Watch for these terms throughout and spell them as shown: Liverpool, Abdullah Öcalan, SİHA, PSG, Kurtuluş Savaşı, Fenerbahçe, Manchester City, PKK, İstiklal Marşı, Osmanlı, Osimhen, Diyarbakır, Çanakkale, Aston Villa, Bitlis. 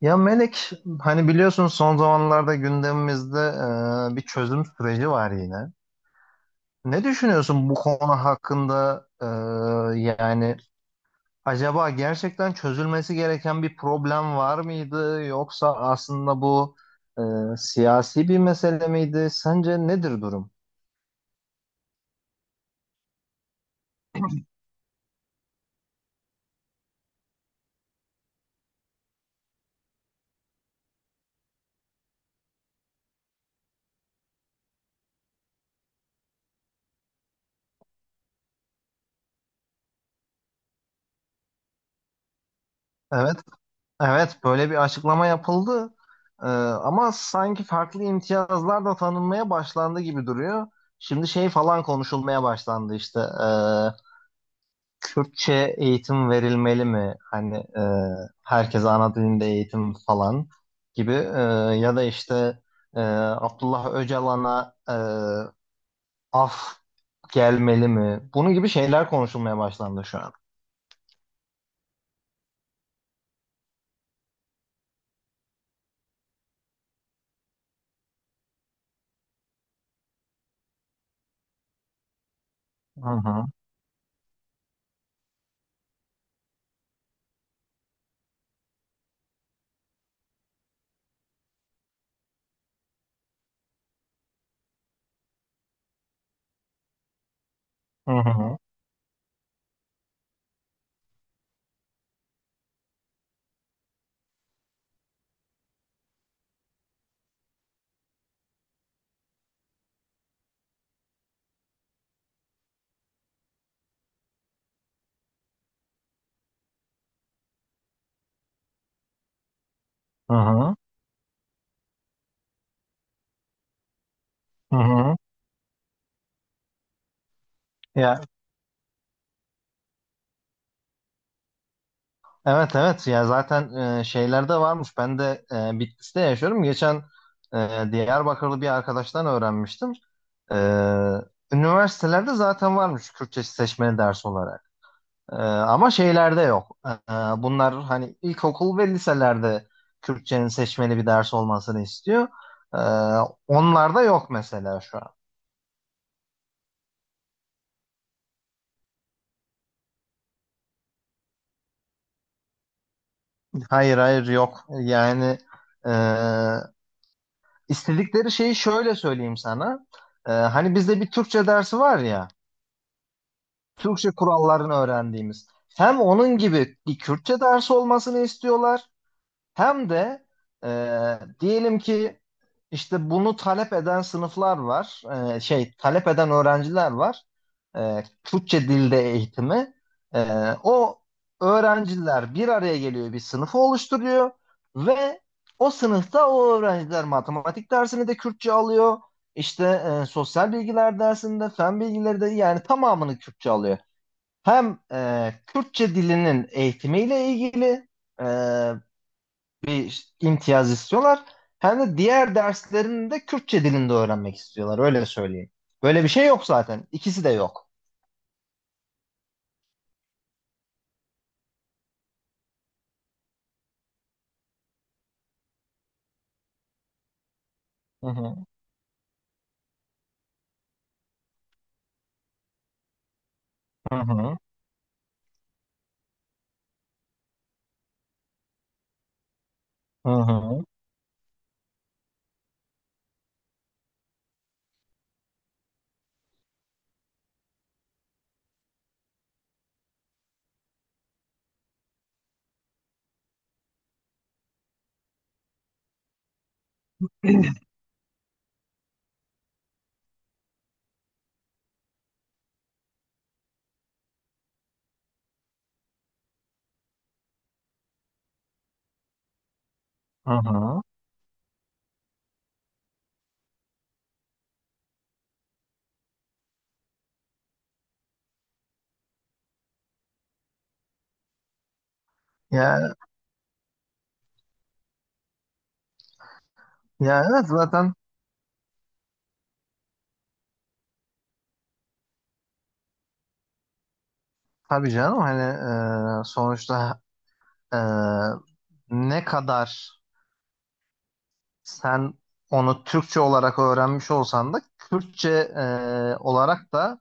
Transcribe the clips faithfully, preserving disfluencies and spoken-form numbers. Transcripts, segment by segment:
Ya Melek, hani biliyorsun son zamanlarda gündemimizde e, bir çözüm süreci var yine. Ne düşünüyorsun bu konu hakkında? E, yani acaba gerçekten çözülmesi gereken bir problem var mıydı? Yoksa aslında bu e, siyasi bir mesele miydi? Sence nedir durum? Evet, evet böyle bir açıklama yapıldı. E, ama sanki farklı imtiyazlar da tanınmaya başlandı gibi duruyor. Şimdi şey falan konuşulmaya başlandı işte. e, Kürtçe eğitim verilmeli mi? Hani e, herkese ana dilinde eğitim falan gibi, E, ya da işte e, Abdullah Öcalan'a e, af gelmeli mi? Bunun gibi şeyler konuşulmaya başlandı şu an. Hı hı. Hı hı. Hı hı. Hı hı. Ya, evet evet, ya zaten e, şeyler de varmış. Ben de e, Bitlis'te yaşıyorum. Geçen e, Diyarbakırlı bir arkadaştan öğrenmiştim. E, üniversitelerde zaten varmış Kürtçe seçmeli ders olarak. E, ama şeylerde yok. E, e, bunlar hani ilkokul ve liselerde Kürtçenin seçmeli bir ders olmasını istiyor. E, onlarda yok mesela şu an. Hayır hayır yok. Yani e, İstedikleri şeyi şöyle söyleyeyim sana. Ee, hani bizde bir Türkçe dersi var ya, Türkçe kurallarını öğrendiğimiz. Hem onun gibi bir Kürtçe dersi olmasını istiyorlar, hem de e, diyelim ki işte bunu talep eden sınıflar var, e, şey talep eden öğrenciler var. E, Türkçe dilde eğitimi. E, o öğrenciler bir araya geliyor, bir sınıfı oluşturuyor ve o sınıfta o öğrenciler matematik dersini de Kürtçe alıyor. İşte e, sosyal bilgiler dersinde, fen bilgileri de yani tamamını Kürtçe alıyor. Hem e, Kürtçe dilinin eğitimiyle ilgili, e, bir imtiyaz istiyorlar. Hem de diğer derslerini de Kürtçe dilinde öğrenmek istiyorlar. Öyle söyleyeyim. Böyle bir şey yok zaten. İkisi de yok. Hı hı. Hı hı. Hı hı. Hı hı. Ya, ya evet, zaten tabii canım hani e, sonuçta e, ne kadar sen onu Türkçe olarak öğrenmiş olsan da Kürtçe e, olarak da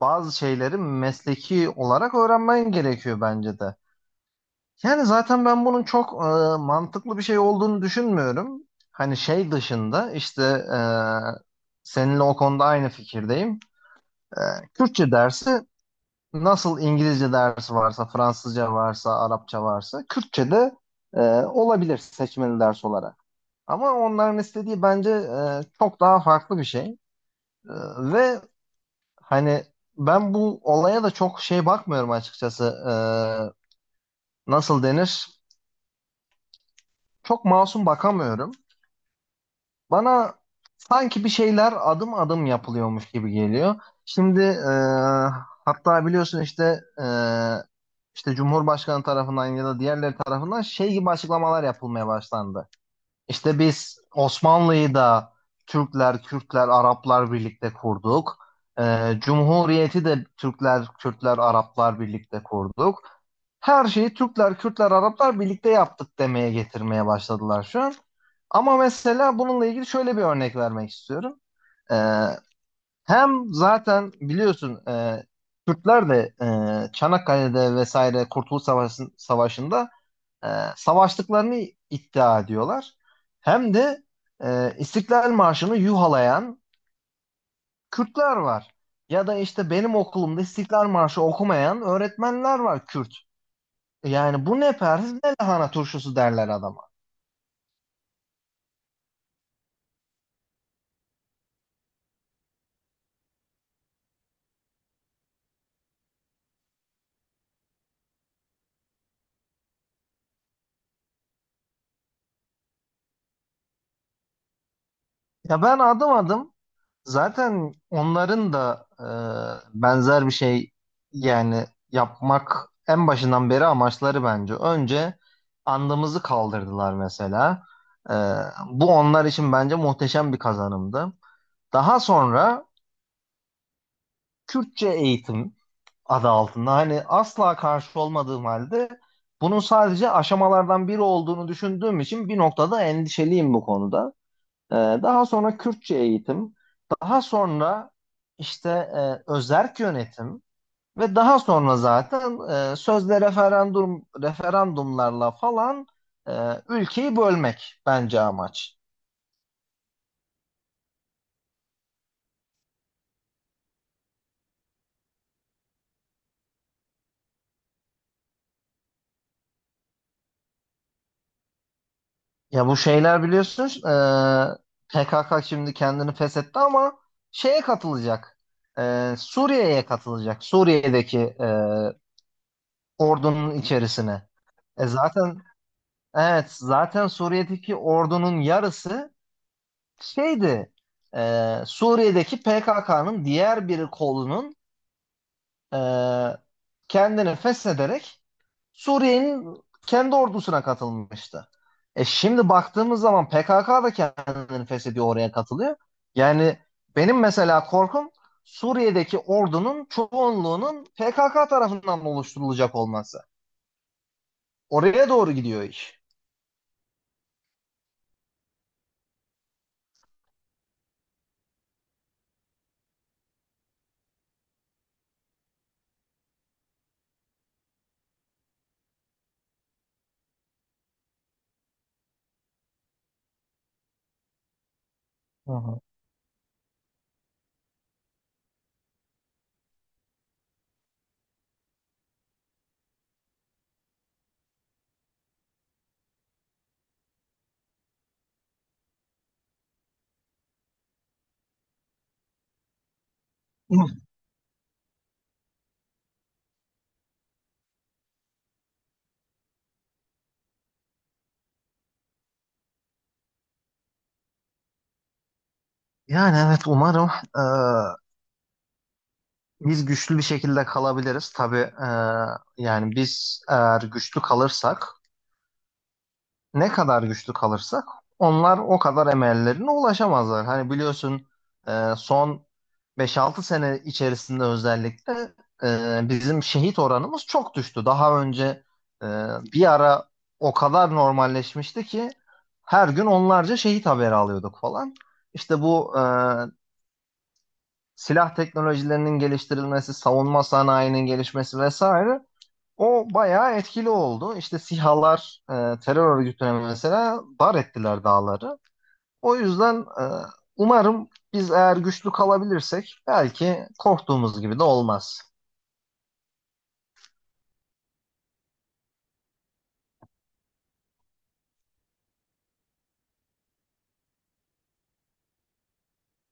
bazı şeyleri mesleki olarak öğrenmen gerekiyor bence de. Yani zaten ben bunun çok e, mantıklı bir şey olduğunu düşünmüyorum. Hani şey dışında işte e, seninle o konuda aynı fikirdeyim. E, Kürtçe dersi nasıl İngilizce dersi varsa, Fransızca varsa, Arapça varsa Kürtçe de e, olabilir seçmeli ders olarak. Ama onların istediği bence e, çok daha farklı bir şey. E, ve hani ben bu olaya da çok şey bakmıyorum açıkçası. E, nasıl denir? Çok masum bakamıyorum. Bana sanki bir şeyler adım adım yapılıyormuş gibi geliyor. Şimdi e, hatta biliyorsun işte e, işte Cumhurbaşkanı tarafından ya da diğerleri tarafından şey gibi açıklamalar yapılmaya başlandı. İşte biz Osmanlı'yı da Türkler, Kürtler, Araplar birlikte kurduk. E, Cumhuriyeti de Türkler, Kürtler, Araplar birlikte kurduk, her şeyi Türkler, Kürtler, Araplar birlikte yaptık demeye getirmeye başladılar şu an. Ama mesela bununla ilgili şöyle bir örnek vermek istiyorum. Ee, Hem zaten biliyorsun e, Kürtler de e, Çanakkale'de vesaire Kurtuluş Savaşı- Savaşı'nda e, savaştıklarını iddia ediyorlar. Hem de e, İstiklal Marşı'nı yuhalayan Kürtler var. Ya da işte benim okulumda İstiklal Marşı okumayan öğretmenler var Kürt. Yani bu ne perhiz ne lahana turşusu derler adama. Ya ben adım adım zaten onların da e, benzer bir şey yani yapmak en başından beri amaçları bence. Önce andımızı kaldırdılar mesela. E, bu onlar için bence muhteşem bir kazanımdı. Daha sonra Kürtçe eğitim adı altında hani asla karşı olmadığım halde bunun sadece aşamalardan biri olduğunu düşündüğüm için bir noktada endişeliyim bu konuda. Ee, Daha sonra Kürtçe eğitim, daha sonra işte e, özerk yönetim ve daha sonra zaten e, sözde referandum referandumlarla falan e, ülkeyi bölmek bence amaç. Ya bu şeyler biliyorsunuz e, P K K şimdi kendini feshetti ama şeye katılacak. E, Suriye'ye katılacak. Suriye'deki e, ordunun içerisine. E zaten evet, zaten Suriye'deki ordunun yarısı şeydi, e, Suriye'deki P K K'nın diğer bir kolunun e, kendini feshederek Suriye'nin kendi ordusuna katılmıştı. E şimdi baktığımız zaman P K K da kendini feshediyor, oraya katılıyor. Yani benim mesela korkum Suriye'deki ordunun çoğunluğunun P K K tarafından oluşturulacak olması. Oraya doğru gidiyor iş. Hı hı. Yani evet, umarım e, biz güçlü bir şekilde kalabiliriz. Tabii e, yani biz eğer güçlü kalırsak, ne kadar güçlü kalırsak onlar o kadar emellerine ulaşamazlar. Hani biliyorsun e, son beş altı sene içerisinde özellikle e, bizim şehit oranımız çok düştü. Daha önce e, bir ara o kadar normalleşmişti ki her gün onlarca şehit haberi alıyorduk falan. İşte bu e, silah teknolojilerinin geliştirilmesi, savunma sanayinin gelişmesi vesaire o bayağı etkili oldu. İşte SİHA'lar e, terör örgütüne mesela dar ettiler dağları. O yüzden e, umarım biz eğer güçlü kalabilirsek belki korktuğumuz gibi de olmaz.